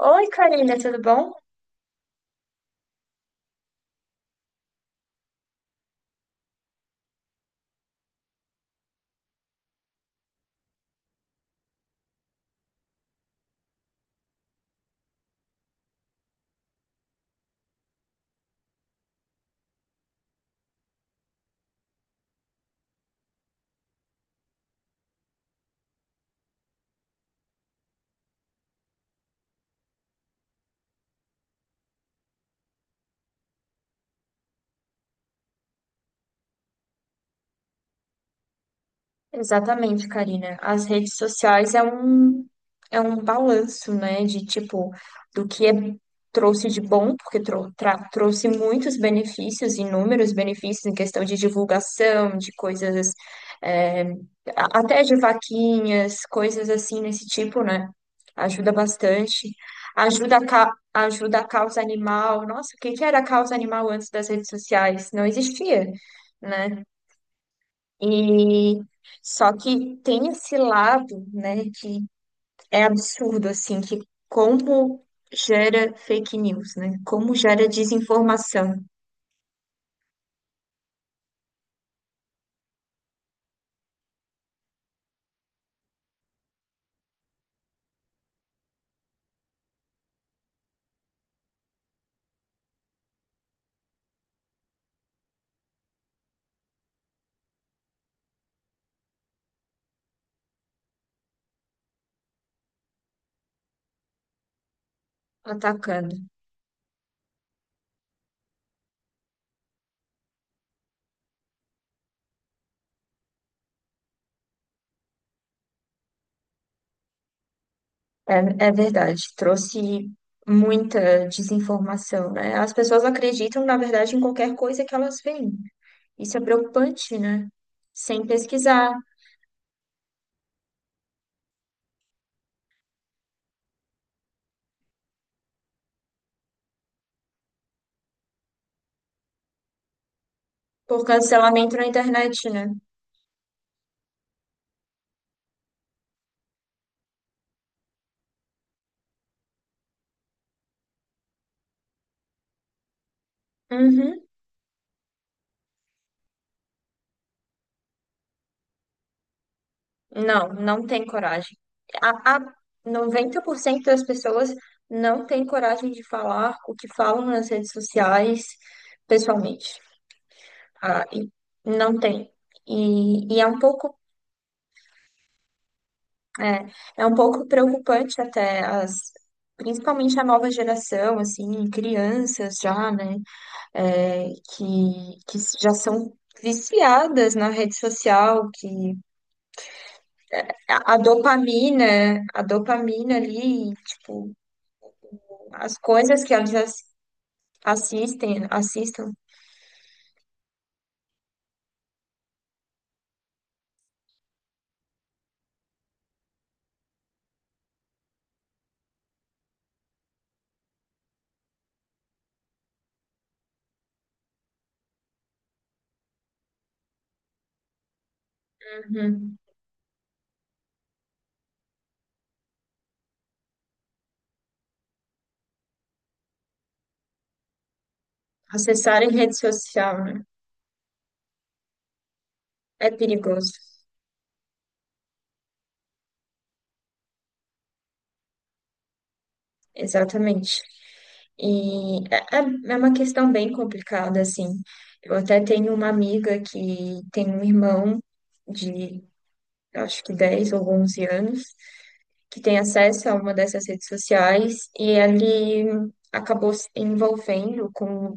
Oi, Karina, tudo bom? Exatamente, Karina. As redes sociais é um balanço, né, do que é- trouxe de bom, porque trouxe muitos benefícios, inúmeros benefícios em questão de divulgação, de coisas, é, até de vaquinhas, coisas assim nesse tipo, né? Ajuda bastante. Ajuda a causa animal. Nossa, o que que era a causa animal antes das redes sociais? Não existia, né? E só que tem esse lado, né, que é absurdo, assim, que como gera fake news, né? Como gera desinformação atacando. É, é verdade, trouxe muita desinformação, né? As pessoas acreditam, na verdade, em qualquer coisa que elas veem. Isso é preocupante, né? Sem pesquisar, por cancelamento na internet, né? Uhum. Não tem coragem. A 90% das pessoas não tem coragem de falar o que falam nas redes sociais pessoalmente. Ah, e não tem. E, e é um pouco, é, é um pouco preocupante principalmente a nova geração, assim, crianças já, né, que já são viciadas na rede social, que a dopamina ali, tipo as coisas que assistem, assistam, uhum. Acessarem rede social, né? É perigoso. Exatamente. É uma questão bem complicada, assim. Eu até tenho uma amiga que tem um irmão de, acho que 10 ou 11 anos, que tem acesso a uma dessas redes sociais e ele acabou se envolvendo com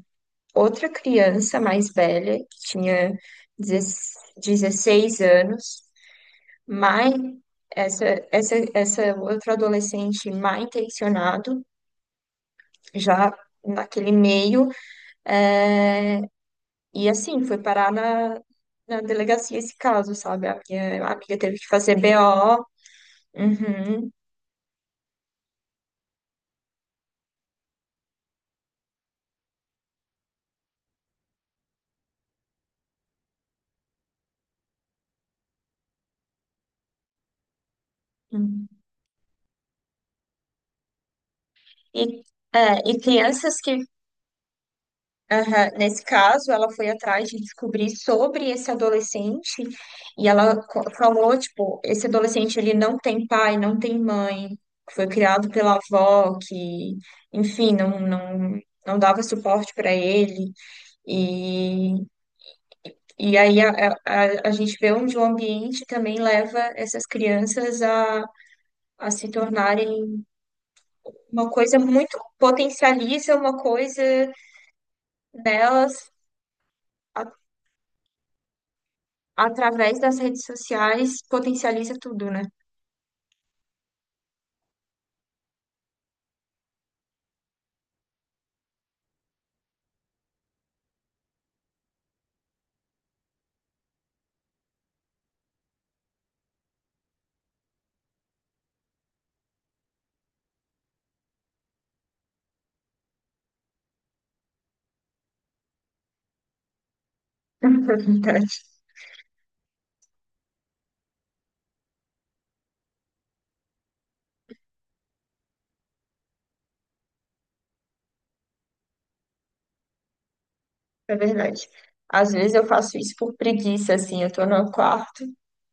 outra criança mais velha, que tinha 16 anos. Mai, essa, essa outra adolescente mal intencionado, já naquele meio, é, e assim, foi parar na, na delegacia esse caso, sabe? A minha amiga teve que fazer BO. Uhum, uhum. E, é, e crianças que Aham, nesse caso, ela foi atrás de descobrir sobre esse adolescente e falou, tipo, esse adolescente ele não tem pai, não tem mãe, foi criado pela avó que, enfim, não dava suporte para ele e, e aí a gente vê onde o ambiente também leva essas crianças a se tornarem uma coisa muito, potencializa uma coisa nelas através das redes sociais potencializa tudo, né? É verdade, é verdade. Às vezes eu faço isso por preguiça, assim, eu tô no quarto,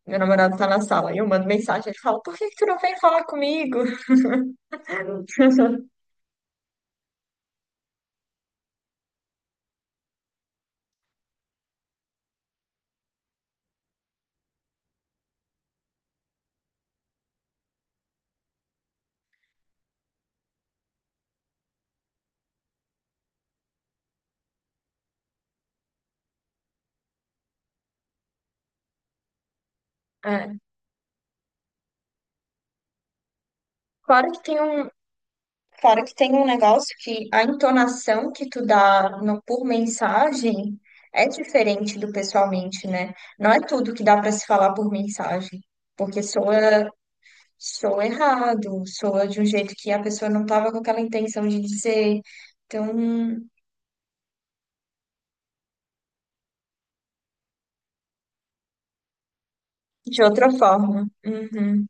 meu namorado tá na sala, e eu mando mensagem, ele fala, por que que tu não vem falar comigo? É. Claro que tem um, claro que tem um negócio que a entonação que tu dá no- por mensagem é diferente do pessoalmente, né? Não é tudo que dá pra se falar por mensagem, porque soa sou errado, soa de um jeito que a pessoa não estava com aquela intenção de dizer. Então, de outra forma. Uhum,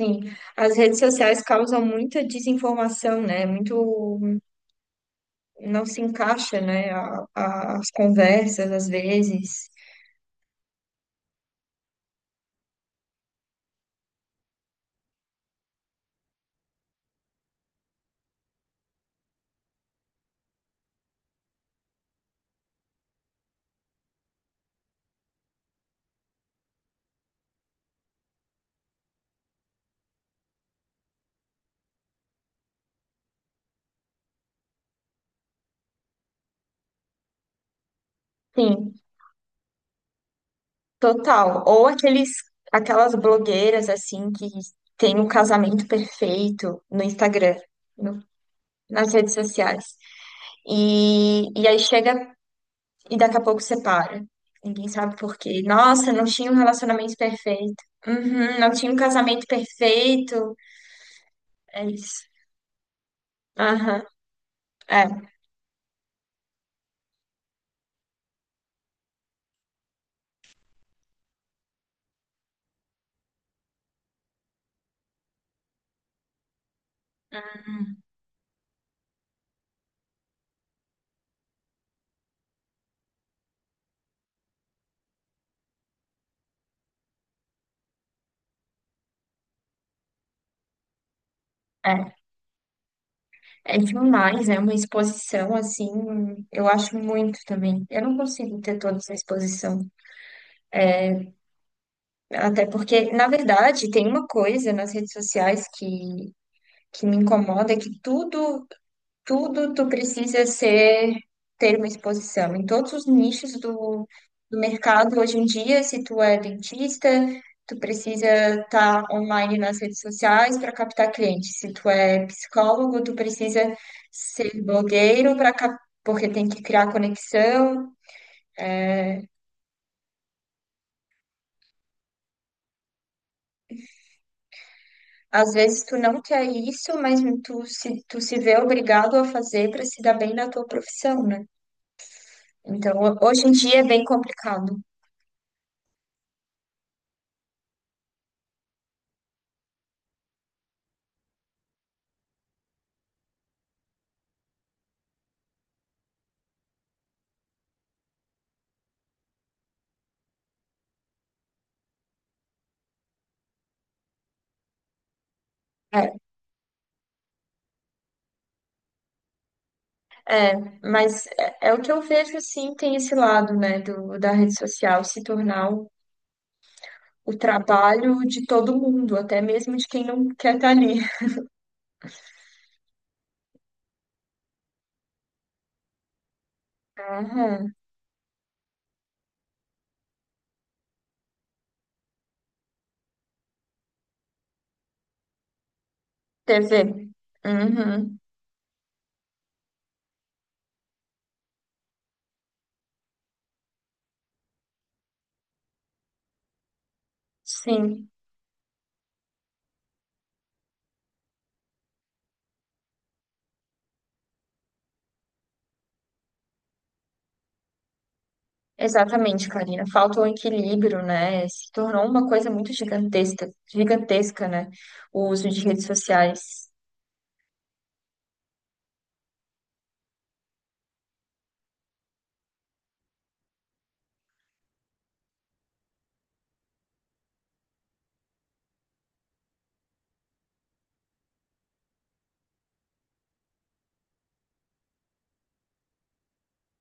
sim, as redes sociais causam muita desinformação, né? Muito não se encaixa, né? As conversas, às vezes. Sim, total. Ou aqueles, aquelas blogueiras, assim, que têm o casamento perfeito no Instagram, no- nas redes sociais. Aí chega e daqui a pouco separa. Ninguém sabe por quê. Nossa, não tinha um relacionamento perfeito. Uhum, não tinha um casamento perfeito. É isso. Aham. É, é. É demais, é uma exposição assim. Eu acho muito também. Eu não consigo ter toda essa exposição. Até porque, na verdade, tem uma coisa nas redes sociais que me incomoda, é que tudo tu precisa ser ter uma exposição em todos os nichos do, do mercado hoje em dia, se tu é dentista, tu precisa estar online nas redes sociais para captar clientes. Se tu é psicólogo, tu precisa ser blogueiro para cap... porque tem que criar conexão. Às vezes tu não quer isso, mas tu se vê obrigado a fazer para se dar bem na tua profissão, né? Então, hoje em dia é bem complicado. Mas é, é o que eu vejo, sim, tem esse lado, né, da rede social se tornar o trabalho de todo mundo, até mesmo de quem não quer estar ali. Aham, TV. Uhum, sim, exatamente, Karina. Falta o equilíbrio, né? Se tornou uma coisa muito gigantesca, gigantesca, né? O uso de redes sociais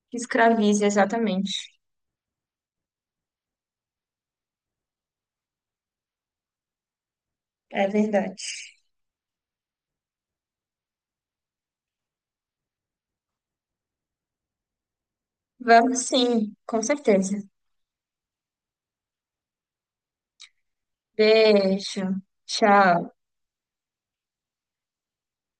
que escraviza, exatamente. É verdade. Vamos sim, com certeza. Beijo. Tchau.